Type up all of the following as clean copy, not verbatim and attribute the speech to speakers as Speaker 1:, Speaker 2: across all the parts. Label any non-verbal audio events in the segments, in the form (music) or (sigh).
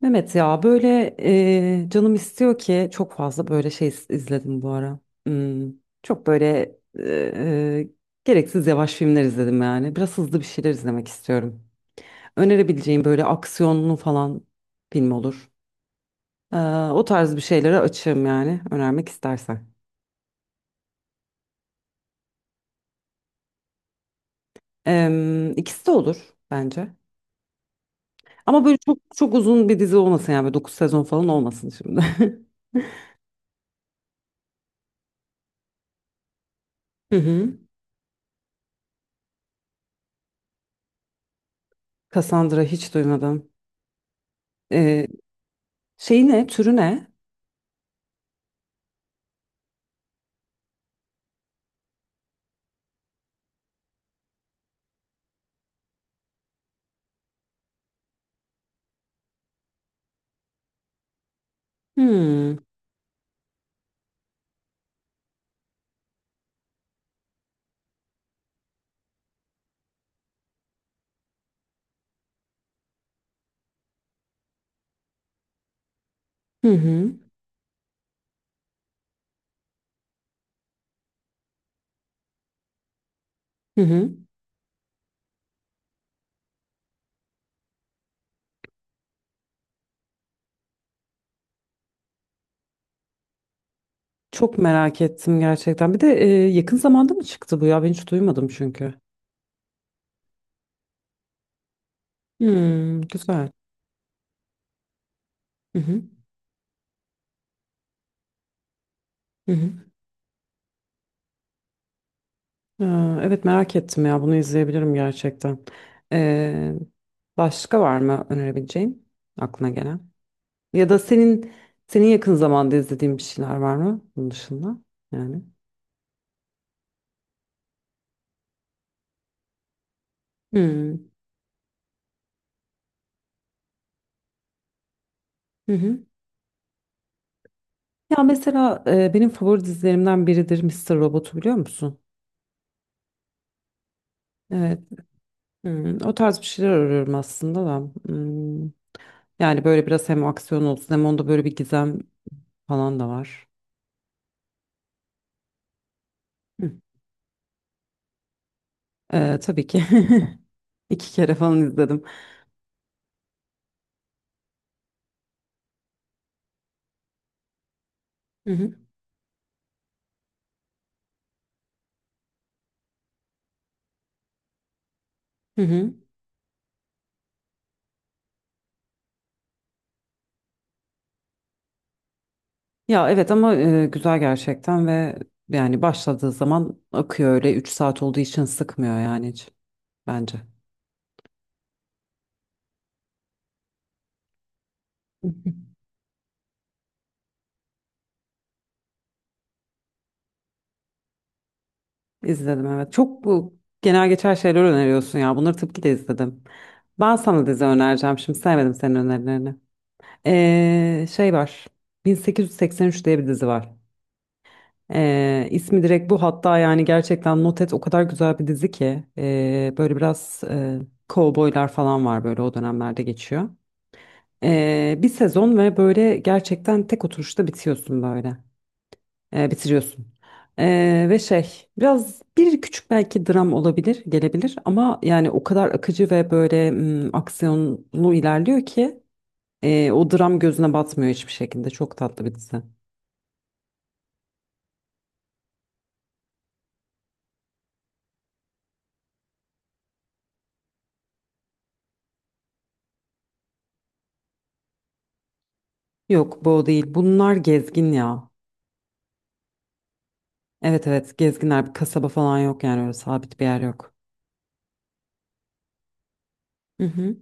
Speaker 1: Mehmet ya böyle canım istiyor ki çok fazla böyle şey izledim bu ara. Hmm, Çok böyle e, e, gereksiz yavaş filmler izledim yani. Biraz hızlı bir şeyler izlemek istiyorum. Önerebileceğim böyle aksiyonlu falan film olur. Ee, O tarz bir şeylere açığım yani önermek istersen. İkisi de olur bence. Ama böyle çok çok uzun bir dizi olmasın yani böyle 9 sezon falan olmasın şimdi. (laughs) Hı hı. Cassandra hiç duymadım. Ee, Şey ne? Türü ne? Hmm. Hı hı. Hı hı. Çok merak ettim gerçekten. Bir de yakın zamanda mı çıktı bu ya? Ben hiç duymadım çünkü. Hmm, güzel. Hı hı. Hı hı. Aa, evet merak ettim ya. Bunu izleyebilirim gerçekten. Ee, Başka var mı önerebileceğin aklına gelen? Ya da senin yakın zamanda izlediğin bir şeyler var mı bunun dışında? Yani. Hmm. Hı hı. Ya mesela benim favori dizilerimden biridir Mister Robot'u biliyor musun? O tarz bir şeyler arıyorum aslında da. Hmm, Yani böyle biraz hem aksiyon olsun hem onda böyle bir gizem falan da var. Hı. Tabii ki. (laughs) İki kere falan izledim. Hı hı, hı hı. Ya evet ama güzel gerçekten ve yani başladığı zaman akıyor öyle 3 saat olduğu için sıkmıyor yani hiç bence. Hı hı. İzledim evet. Çok bu genel geçer şeyler öneriyorsun ya. Bunları tabii ki de izledim. Ben sana dizi önereceğim. Şimdi sevmedim senin önerilerini. Şey var. 1883 diye bir dizi var. İsmi direkt bu hatta yani gerçekten not et o kadar güzel bir dizi ki böyle biraz kovboylar falan var böyle o dönemlerde geçiyor. Bir sezon ve böyle gerçekten tek oturuşta bitiyorsun böyle. Bitiriyorsun. Ve şey biraz bir küçük belki dram olabilir gelebilir ama yani o kadar akıcı ve böyle aksiyonlu ilerliyor ki. O dram gözüne batmıyor hiçbir şekilde. Çok tatlı bir dizi. Yok bu o değil. Bunlar gezgin ya. Evet, evet gezginler. Bir kasaba falan yok yani öyle sabit bir yer yok. Hı hı.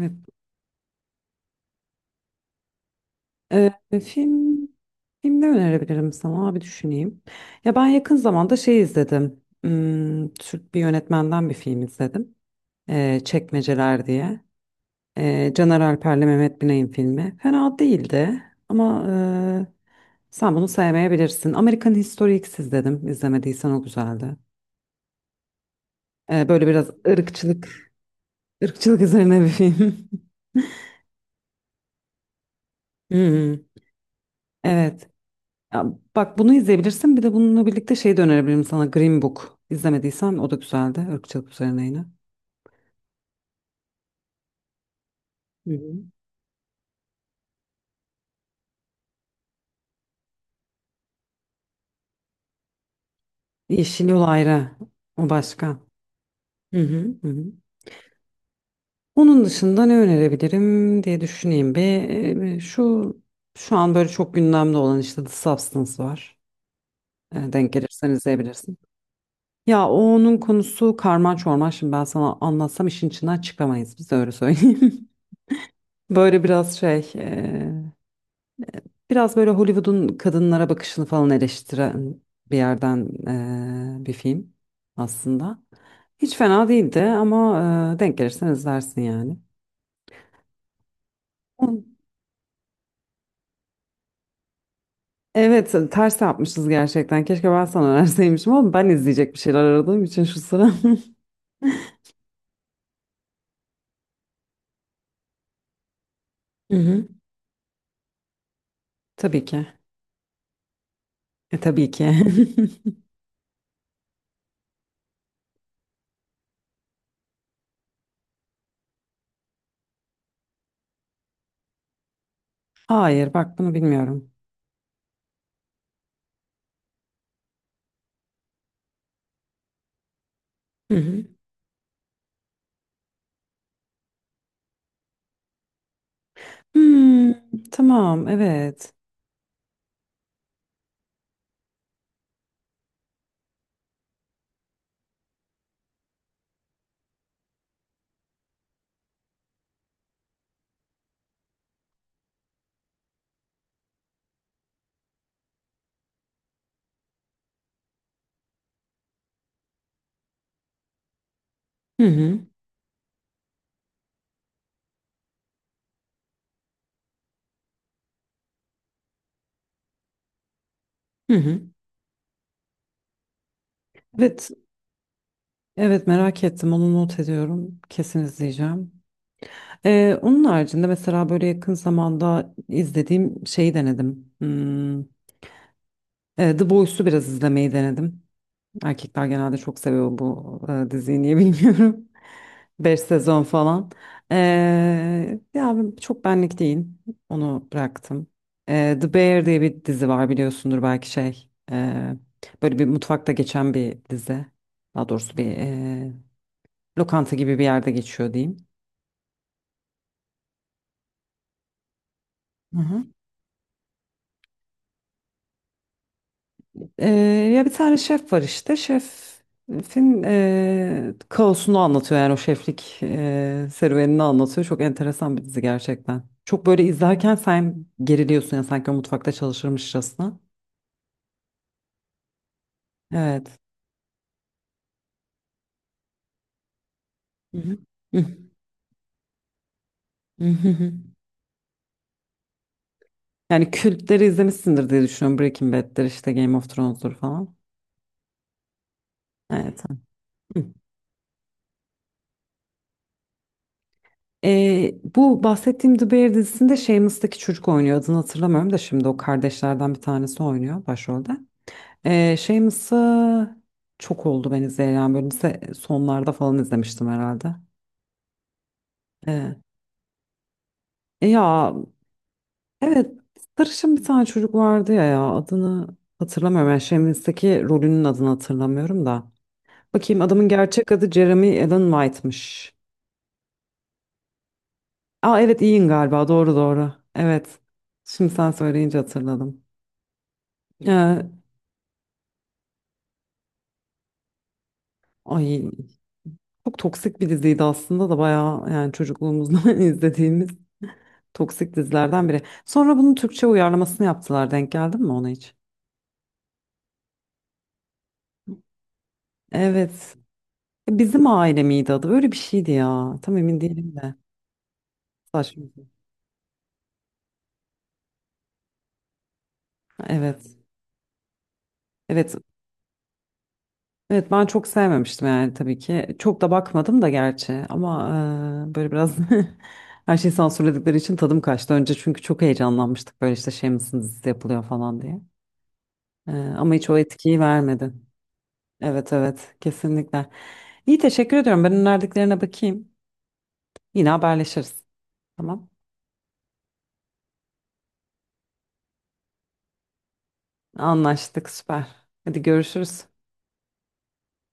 Speaker 1: Evet. Ee, film, film, ne önerebilirim sana? Bir düşüneyim. Ya ben yakın zamanda şey izledim. Türk bir yönetmenden bir film izledim. Çekmeceler diye. Caner Alper'le Mehmet Binay'ın filmi. Fena değildi ama e, sen bunu sevmeyebilirsin. American History X dedim. İzlemediysen o güzeldi. Böyle biraz ırkçılık üzerine bir film. (laughs) Hmm, evet. Ya, bak bunu izleyebilirsin. Bir de bununla birlikte şey de önerebilirim sana. Green Book. İzlemediysen o da güzeldi. Irkçılık üzerine yine. Hı hı. Yeşil Yol ayrı. O başka. Hı hı, hı hı. Onun dışında ne önerebilirim diye düşüneyim bir. Ee, Şu şu an böyle çok gündemde olan işte The Substance var. Denk gelirsen izleyebilirsin. Ya o onun konusu karman çorman. Şimdi ben sana anlatsam işin içinden çıkamayız. Biz öyle söyleyeyim. (laughs) Böyle biraz şey, biraz böyle Hollywood'un kadınlara bakışını falan eleştiren bir yerden bir film aslında. Hiç fena değildi ama denk gelirsen izlersin yani. On- Evet, ters yapmışız gerçekten. Keşke ben sana önerseymişim ama ben izleyecek bir şeyler aradığım için şu sıra. (laughs) Hı hı. Tabii ki. Tabii ki. (laughs) Hayır, bak bunu bilmiyorum. Hı hı. Hmm, tamam, evet. Hı hı, hı hı. Evet, evet merak ettim. Onu not ediyorum. Kesin izleyeceğim. Onun haricinde mesela böyle yakın zamanda izlediğim şeyi denedim. The Boys'u biraz izlemeyi denedim. Erkekler genelde çok seviyor bu diziyi niye bilmiyorum. (laughs) 5 sezon falan. Ee, Ya çok benlik değil. Onu bıraktım. The Bear diye bir dizi var biliyorsundur belki şey. Böyle bir mutfakta geçen bir dizi. Daha doğrusu bir lokanta gibi bir yerde geçiyor diyeyim. Hı hı. Ee, Ya bir tane şef var işte. Şefin kaosunu anlatıyor yani o şeflik serüvenini anlatıyor. Çok enteresan bir dizi gerçekten. Çok böyle izlerken sen geriliyorsun ya sanki o mutfakta çalışırmışçasına. Evet. Hı hı. Hı hı, hı hı. Yani kültleri izlemişsindir diye düşünüyorum. Breaking Bad'dir işte Game of Thrones'dur falan. Evet. Hı. Bu bahsettiğim The Bear dizisinde Shameless'taki çocuk oynuyor. Adını hatırlamıyorum da şimdi o kardeşlerden bir tanesi oynuyor başrolde. Şey mısı çok oldu ben izleyen böyle lise sonlarda falan izlemiştim herhalde. Ee, Ya evet sarışın bir tane çocuk vardı ya adını hatırlamıyorum. Yani Shameless'teki rolünün adını hatırlamıyorum da. Bakayım adamın gerçek adı Jeremy Allen White'mış. Aa evet Ian galiba doğru, doğru. Evet şimdi sen söyleyince hatırladım. Ee, Ay çok toksik bir diziydi aslında da bayağı yani çocukluğumuzdan (laughs) izlediğimiz. Toksik dizilerden biri. Sonra bunun Türkçe uyarlamasını yaptılar. Denk geldin mi ona hiç? Evet. Bizim aile miydi adı? Öyle bir şeydi ya. Tam emin değilim de. Saçma. Evet. Evet. Evet ben çok sevmemiştim yani tabii ki. Çok da bakmadım da gerçi ama böyle biraz (laughs) her şeyi sansürledikleri için tadım kaçtı. Önce çünkü çok heyecanlanmıştık böyle işte şey mısın dizisi yapılıyor falan diye. E, Ama hiç o etkiyi vermedi. Evet, evet kesinlikle. İyi, teşekkür ediyorum. Ben önerdiklerine bakayım. Yine haberleşiriz. Tamam. Anlaştık süper. Hadi görüşürüz.